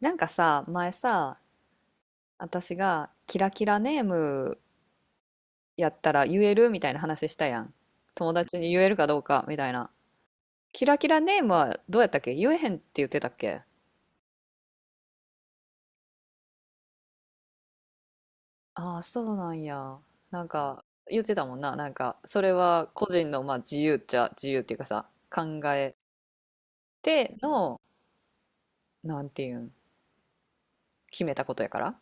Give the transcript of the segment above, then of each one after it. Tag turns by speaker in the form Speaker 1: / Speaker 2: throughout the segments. Speaker 1: なんかさ、前さ、私がキラキラネームやったら言えるみたいな話したやん。友達に言えるかどうかみたいな。キラキラネームはどうやったっけ？言えへんって言ってたっけ？ああー、そうなんや。なんか言ってたもんな。なんかそれは個人のまあ自由っちゃ自由っていうかさ、考えての、なんていうん、決めたことやから。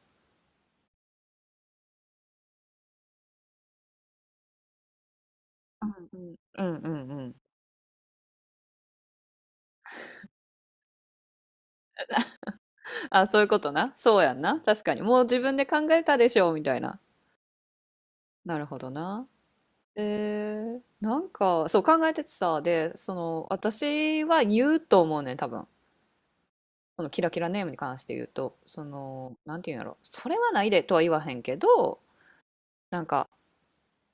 Speaker 1: うんうんうんうんうん。あ、そういうことな。そうやんな。確かに。もう自分で考えたでしょみたいな。なるほどな。なんか、そう考えててさ、で、その、私は言うと思うねん、多分。そのキラキラネームに関して言うと、その、なんていうんやろ、それはないでとは言わへんけど、なんか、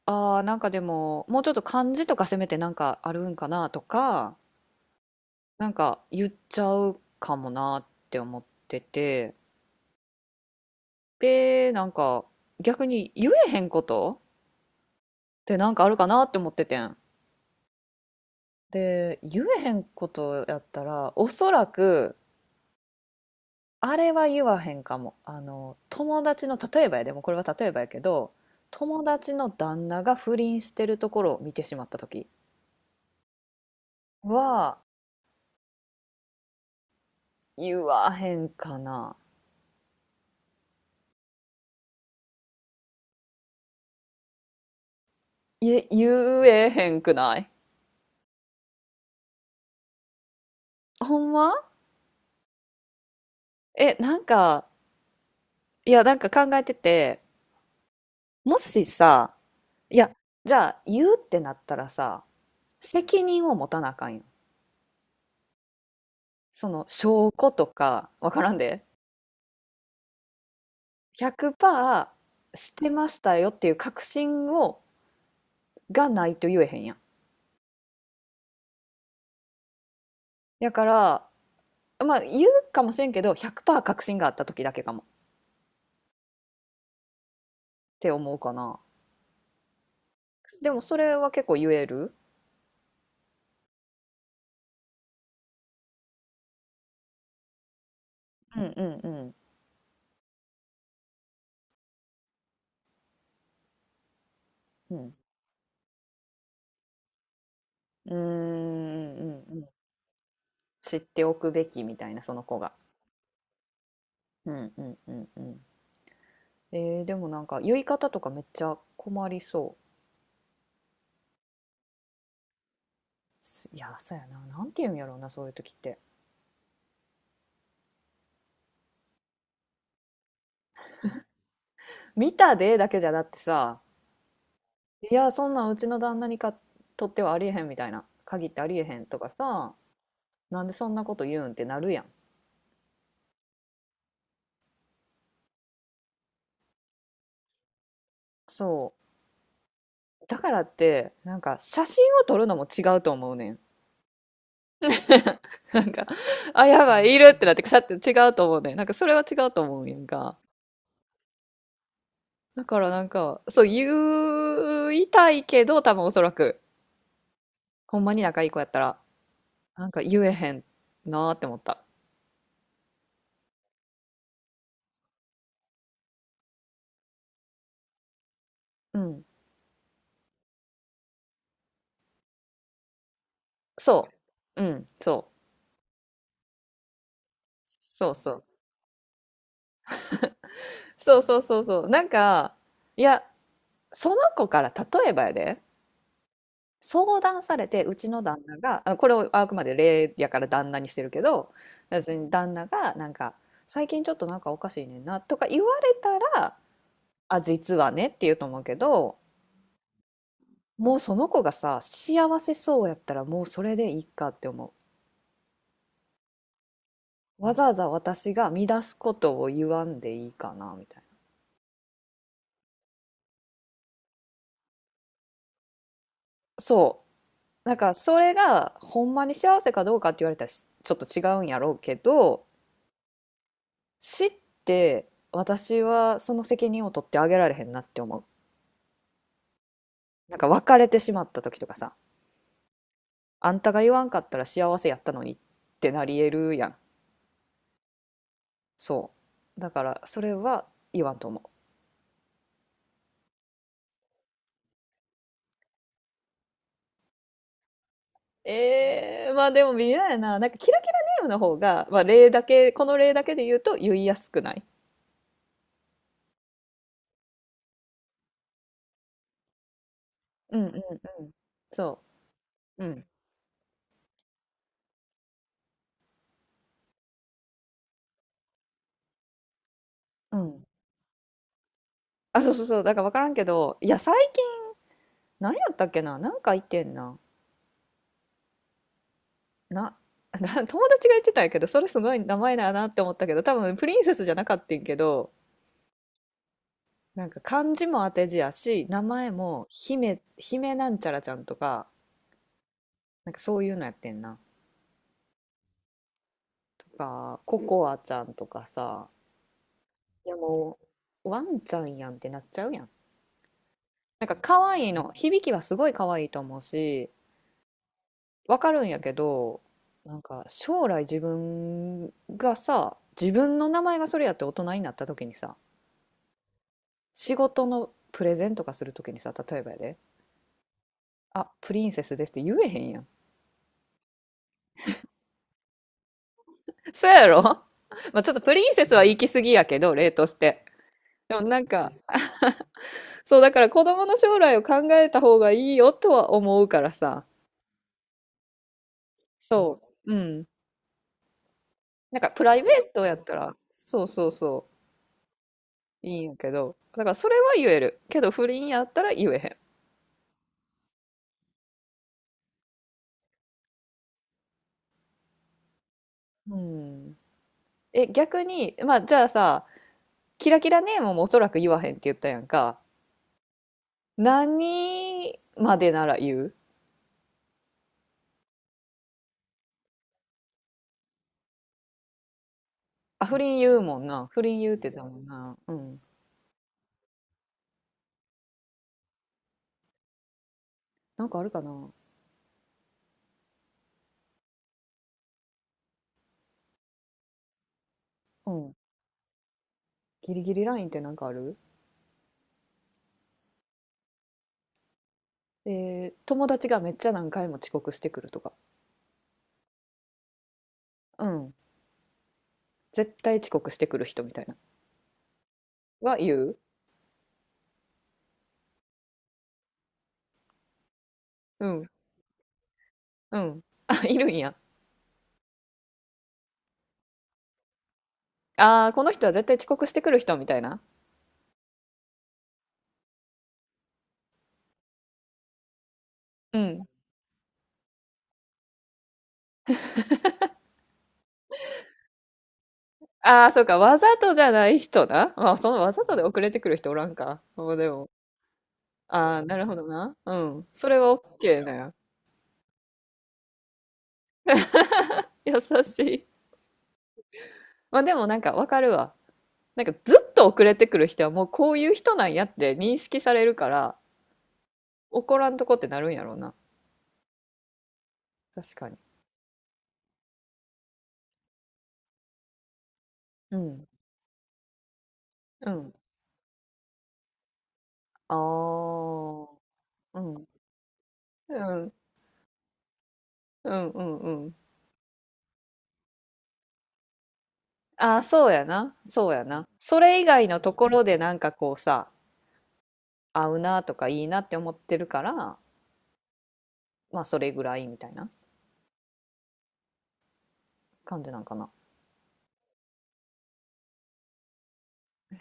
Speaker 1: ああ、なんかでも、もうちょっと漢字とかせめてなんかあるんかなとか、なんか言っちゃうかもなって思ってて、で、なんか、逆に言えへんことってなんかあるかなって思っててん。で、言えへんことやったら、おそらく、あれは言わへんかも。あの、友達の、例えばやでもこれは例えばやけど、友達の旦那が不倫してるところを見てしまった時は、言わへんかな。いえ、言えへんくない？ほんま？え、なんか、いや、なんか考えてて、もしさ、いや、じゃあ言うってなったらさ、責任を持たなあかんよ。その証拠とか、わからんで。100%してましたよっていう確信をがないと言えへんやん。やから、まあ言うかもしれんけど、100%確信があった時だけかもって思うかな。でもそれは結構言える。うんうんうんうん。うーんうんうん。知っておくべきみたいな、その子が。うんうんうんうん。でもなんか言い方とかめっちゃ困りそう。いや、そうやな。なんて言うんやろうな、そういう時って。見たでだけじゃだってさ、いや、そんなんうちの旦那にかとってはありえへんみたいな。限ってありえへんとかさ、なんでそんなこと言うんってなるやん。そうだからってなんか写真を撮るのも違うと思うねん。 なんか、あ、やばいいるってなってカしゃって違うと思うねん。なんかそれは違うと思うんやんか。だからなんかそう言いたいけど、多分、おそらく、ほんまに仲いい子やったらなんか言えへんなーって思った。うんそううんそうそうそうそうそうそうそうなんか、いや、その子から例えばやで相談されて、うちの旦那が、あ、これをあくまで例やから旦那にしてるけど、別に旦那がなんか、最近ちょっとなんかおかしいねんなとか言われたら、あ、実はねって言うと思うけど、もうその子がさ、幸せそうやったらもうそれでいいかって思う。わざわざ私が乱すことを言わんでいいかな、みたいな。そう。なんかそれがほんまに幸せかどうかって言われたらしちょっと違うんやろうけど、死って私はその責任を取ってあげられへんなって思う。なんか別れてしまった時とかさ、あんたが言わんかったら幸せやったのにってなりえるやん。そう。だからそれは言わんと思う。まあでも微妙やな。なんかキラキラネームの方が、まあ例だけ、この例だけで言うと言いやすくない？うんうんうん。そう。うん。うん。あ、そうそうそう。だから分からんけど、いや、最近、何やったっけな、なんか言ってんな。な な友達が言ってたんやけど、それすごい名前だなって思ったけど、多分プリンセスじゃなかったんけど、なんか漢字も当て字やし、名前も姫なんちゃらちゃんとか、なんかそういうのやってんな。とか、ココアちゃんとかさ、いやもう、ワンちゃんやんってなっちゃうやん。なんか可愛いの、響きはすごい可愛いと思うし、わかるんやけど、なんか将来自分がさ、自分の名前がそれやって大人になった時にさ、仕事のプレゼンとかするときにさ、例えばやで、あ、プリンセスですって言えへんやん。そうやろ？ まあちょっとプリンセスは行き過ぎやけど、例として。でもなんか、そうだから子供の将来を考えた方がいいよとは思うからさ。そう。うん。なんかプライベートやったら、そうそうそう、いいんやけど。だからそれは言える。けど不倫やったら言えへん。うん。え、逆に、まあじゃあさ、キラキラネームもおそらく言わへんって言ったやんか。何までなら言う？あ、不倫言うもんな。不倫言うって言ってたもんな。うん。なんかあるかな？うん。ギリギリラインってなんかある？友達がめっちゃ何回も遅刻してくるとか。うん。絶対遅刻してくる人みたいな。は言う。うん。うん。あ、いるんや。ああ、この人は絶対遅刻してくる人みたいな。うん。ああ、そうか。わざとじゃない人な。まあ、そのわざとで遅れてくる人おらんか。まあでも。ああ、なるほどな。うん。それは OK なんや。優しい。まあでもなんかわかるわ。なんかずっと遅れてくる人はもうこういう人なんやって認識されるから怒らんとこってなるんやろうな。確かに。うん。うん。ああ。うん。うん。うんうんうん。ああ、そうやな。そうやな。それ以外のところでなんかこうさ、合うなとかいいなって思ってるから、まあそれぐらいみたいな感じなんかな。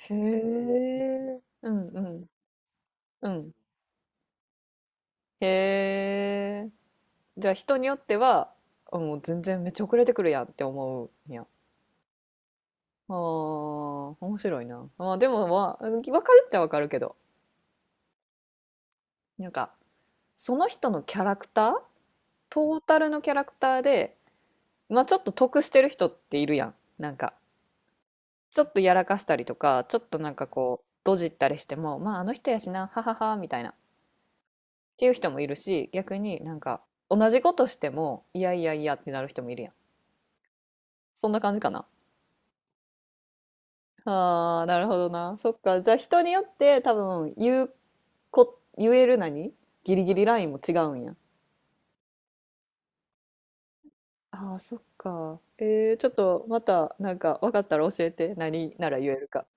Speaker 1: へえ。うんうん。うん。へえ。じゃあ人によっては、あ、もう全然めっちゃ遅れてくるやんって思うんや。あー、面白いな。まあでもまあ分かるっちゃ分かるけど、なんかその人のキャラクター、トータルのキャラクターで、まあちょっと得してる人っているやん。なんかちょっとやらかしたりとかちょっとなんかこうドジったりしてもまああの人やしなはははみたいなっていう人もいるし、逆になんか同じことしてもいやいやいやってなる人もいるやん。そんな感じかな。ああ、なるほどな。そっか。じゃあ人によって多分言うこ、言える何、ギリギリラインも違うんや。ああ、そっか。ちょっとまたなんか分かったら教えて。何なら言えるか。